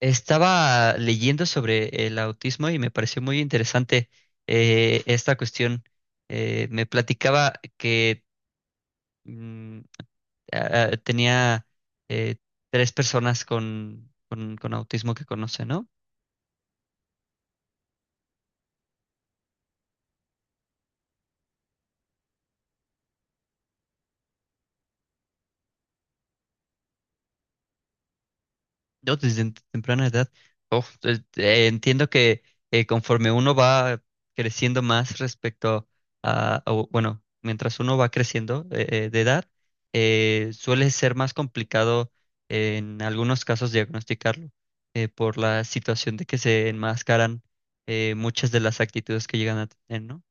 Estaba leyendo sobre el autismo y me pareció muy interesante esta cuestión. Me platicaba que mm, tenía eh, tres personas con autismo que conoce, ¿no? Yo desde temprana edad, oh, entiendo que conforme uno va creciendo más respecto a, o, bueno, mientras uno va creciendo de edad, suele ser más complicado en algunos casos diagnosticarlo por la situación de que se enmascaran muchas de las actitudes que llegan a tener, ¿no?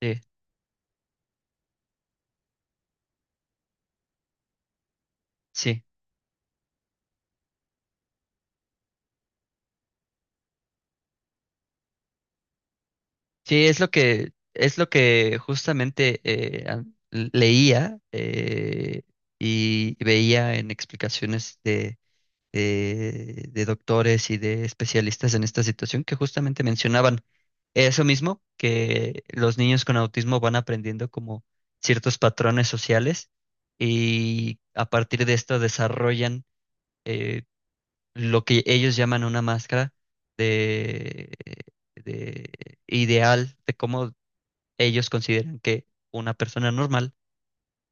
Eh, Sí. Sí, es lo que justamente leía, y veía en explicaciones de doctores y de especialistas en esta situación que justamente mencionaban eso mismo, que los niños con autismo van aprendiendo como ciertos patrones sociales y a partir de esto desarrollan eh, lo que ellos llaman una máscara de, de ideal de cómo ellos consideran que una persona normal,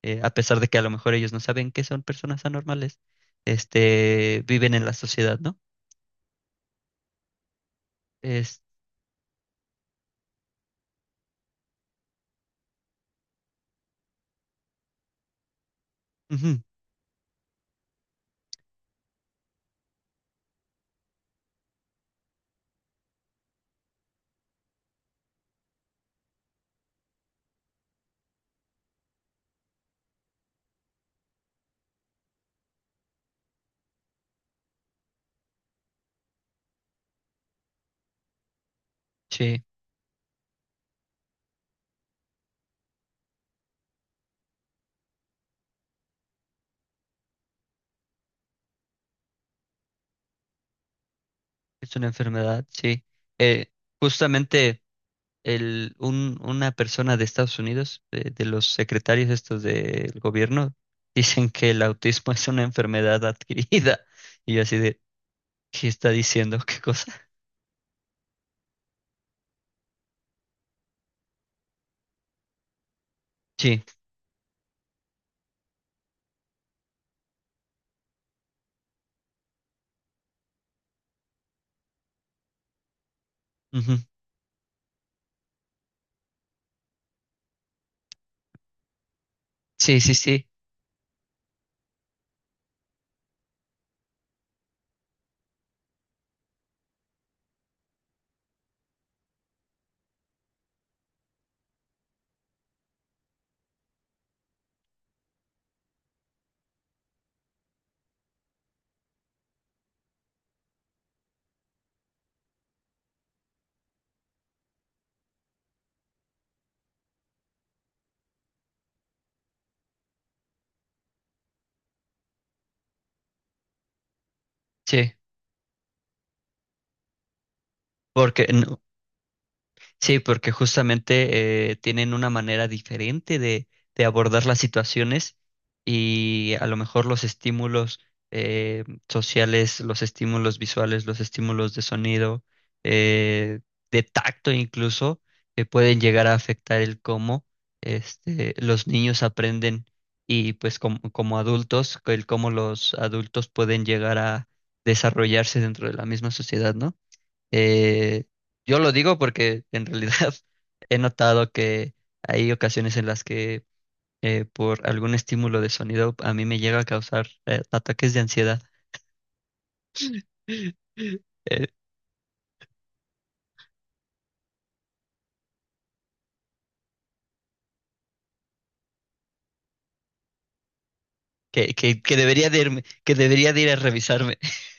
a pesar de que a lo mejor ellos no saben que son personas anormales, este, viven en la sociedad, ¿no? Es, ujú, sí, es una enfermedad, sí. Eh, Justamente el, un, una persona de Estados Unidos, de los secretarios estos del gobierno, dicen que el autismo es una enfermedad adquirida. Y yo así de, ¿qué está diciendo? ¿Qué cosa? Sí, ujú, sí, sí, sí, sí. Porque sí, porque justamente tienen una manera diferente de abordar las situaciones y a lo mejor los estímulos sociales, los estímulos visuales, los estímulos de sonido, eh, de tacto incluso, que pueden llegar a afectar el cómo este, los niños aprenden y pues como, como adultos, el cómo los adultos pueden llegar a desarrollarse dentro de la misma sociedad, ¿no? Eh, yo lo digo porque en realidad he notado que hay ocasiones en las que por algún estímulo de sonido a mí me llega a causar ataques de ansiedad eh, que debería de irme, que debería de ir a revisarme.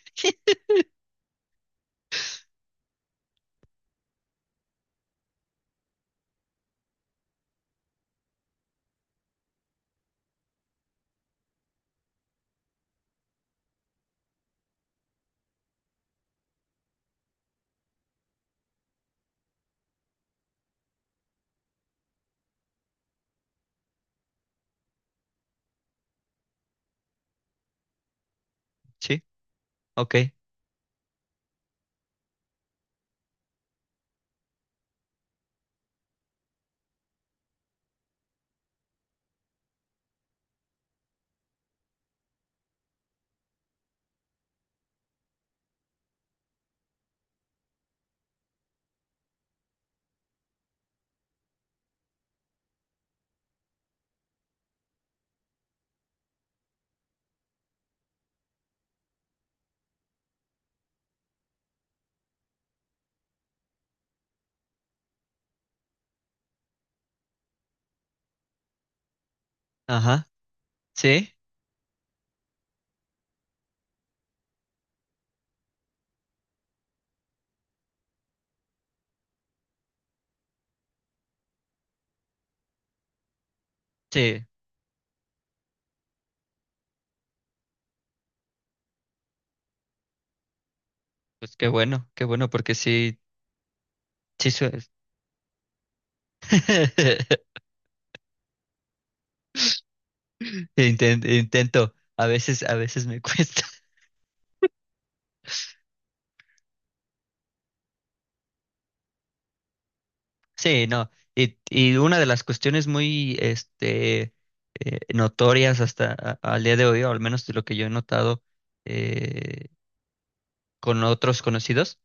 Sí, ok, ajá, sí, sí, pues qué bueno porque sí, sí, intento, a veces me cuesta. Sí, no. Y una de las cuestiones muy este, notorias hasta al día de hoy, o al menos de lo que yo he notado eh, con otros conocidos,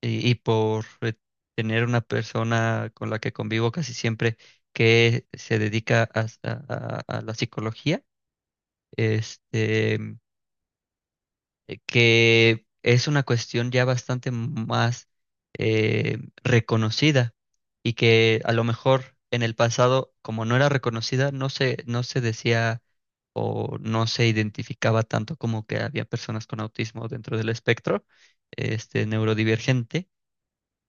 y por tener una persona con la que convivo casi siempre que se dedica a la psicología, este. Que es una cuestión ya bastante más reconocida y que a lo mejor en el pasado, como no era reconocida, no se, no se decía o no se identificaba tanto como que había personas con autismo dentro del espectro este, neurodivergente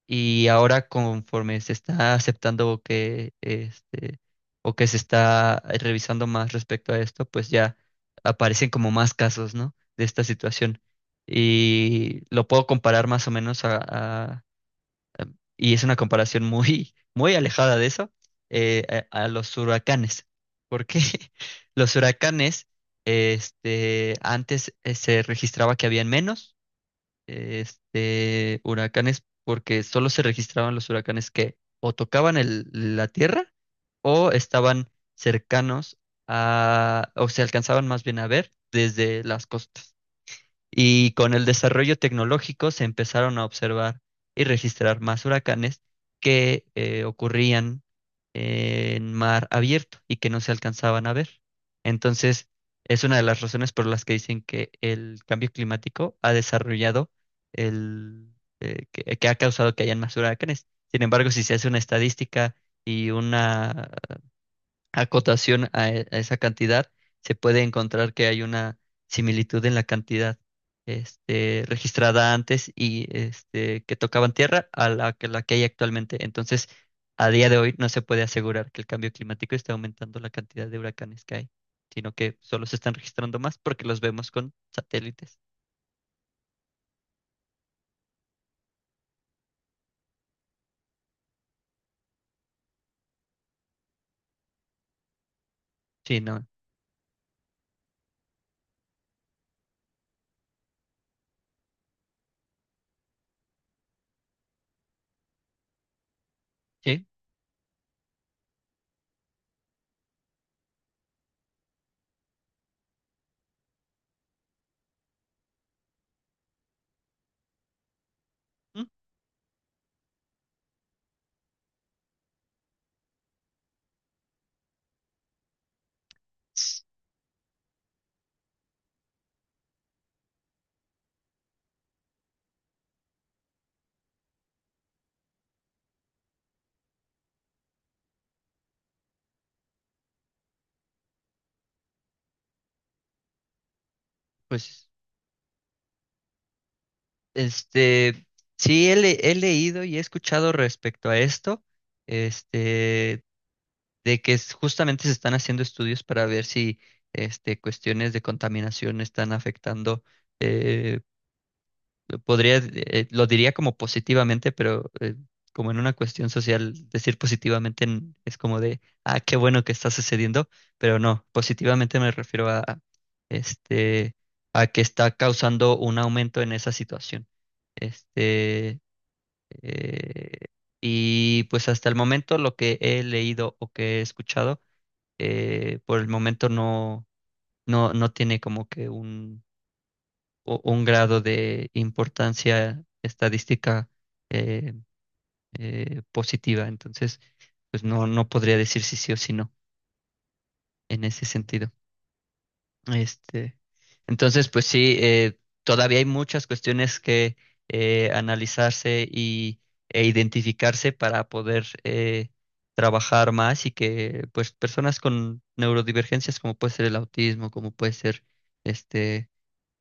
y ahora conforme se está aceptando que este o que se está revisando más respecto a esto, pues ya aparecen como más casos, ¿no? De esta situación. Y lo puedo comparar más o menos a, a- y es una comparación muy muy alejada de eso a los huracanes, porque los huracanes este antes se registraba que habían menos este, huracanes porque solo se registraban los huracanes que o tocaban la tierra o estaban cercanos a, o se alcanzaban más bien a ver desde las costas. Y con el desarrollo tecnológico se empezaron a observar y registrar más huracanes que ocurrían en mar abierto y que no se alcanzaban a ver. Entonces, es una de las razones por las que dicen que el cambio climático ha desarrollado el que ha causado que hayan más huracanes. Sin embargo, si se hace una estadística y una acotación a esa cantidad, se puede encontrar que hay una similitud en la cantidad este, registrada antes y este, que tocaban tierra a la que hay actualmente. Entonces, a día de hoy no se puede asegurar que el cambio climático esté aumentando la cantidad de huracanes que hay, sino que solo se están registrando más porque los vemos con satélites. Sí, no. Sí. ¿Mm? Pues, este, sí, he, he leído y he escuchado respecto a esto. Este, de que justamente se están haciendo estudios para ver si este, cuestiones de contaminación están afectando, eh, podría, lo diría como positivamente, pero como en una cuestión social, decir positivamente es como de, ah, qué bueno que está sucediendo, pero no, positivamente me refiero a, este, a que está causando un aumento en esa situación. Este, eh, y pues hasta el momento lo que he leído o que he escuchado, por el momento no, no tiene como que un, un grado de importancia estadística eh, positiva. Entonces, pues no, no podría decir si sí o si no en ese sentido. Este, entonces, pues sí, todavía hay muchas cuestiones que analizarse y, e identificarse para poder trabajar más y que pues personas con neurodivergencias como puede ser el autismo, como puede ser este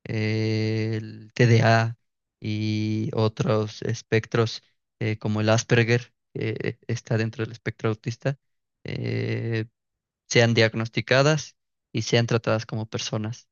el TDA y otros espectros como el Asperger, que está dentro del espectro autista, eh, sean diagnosticadas y sean tratadas como personas.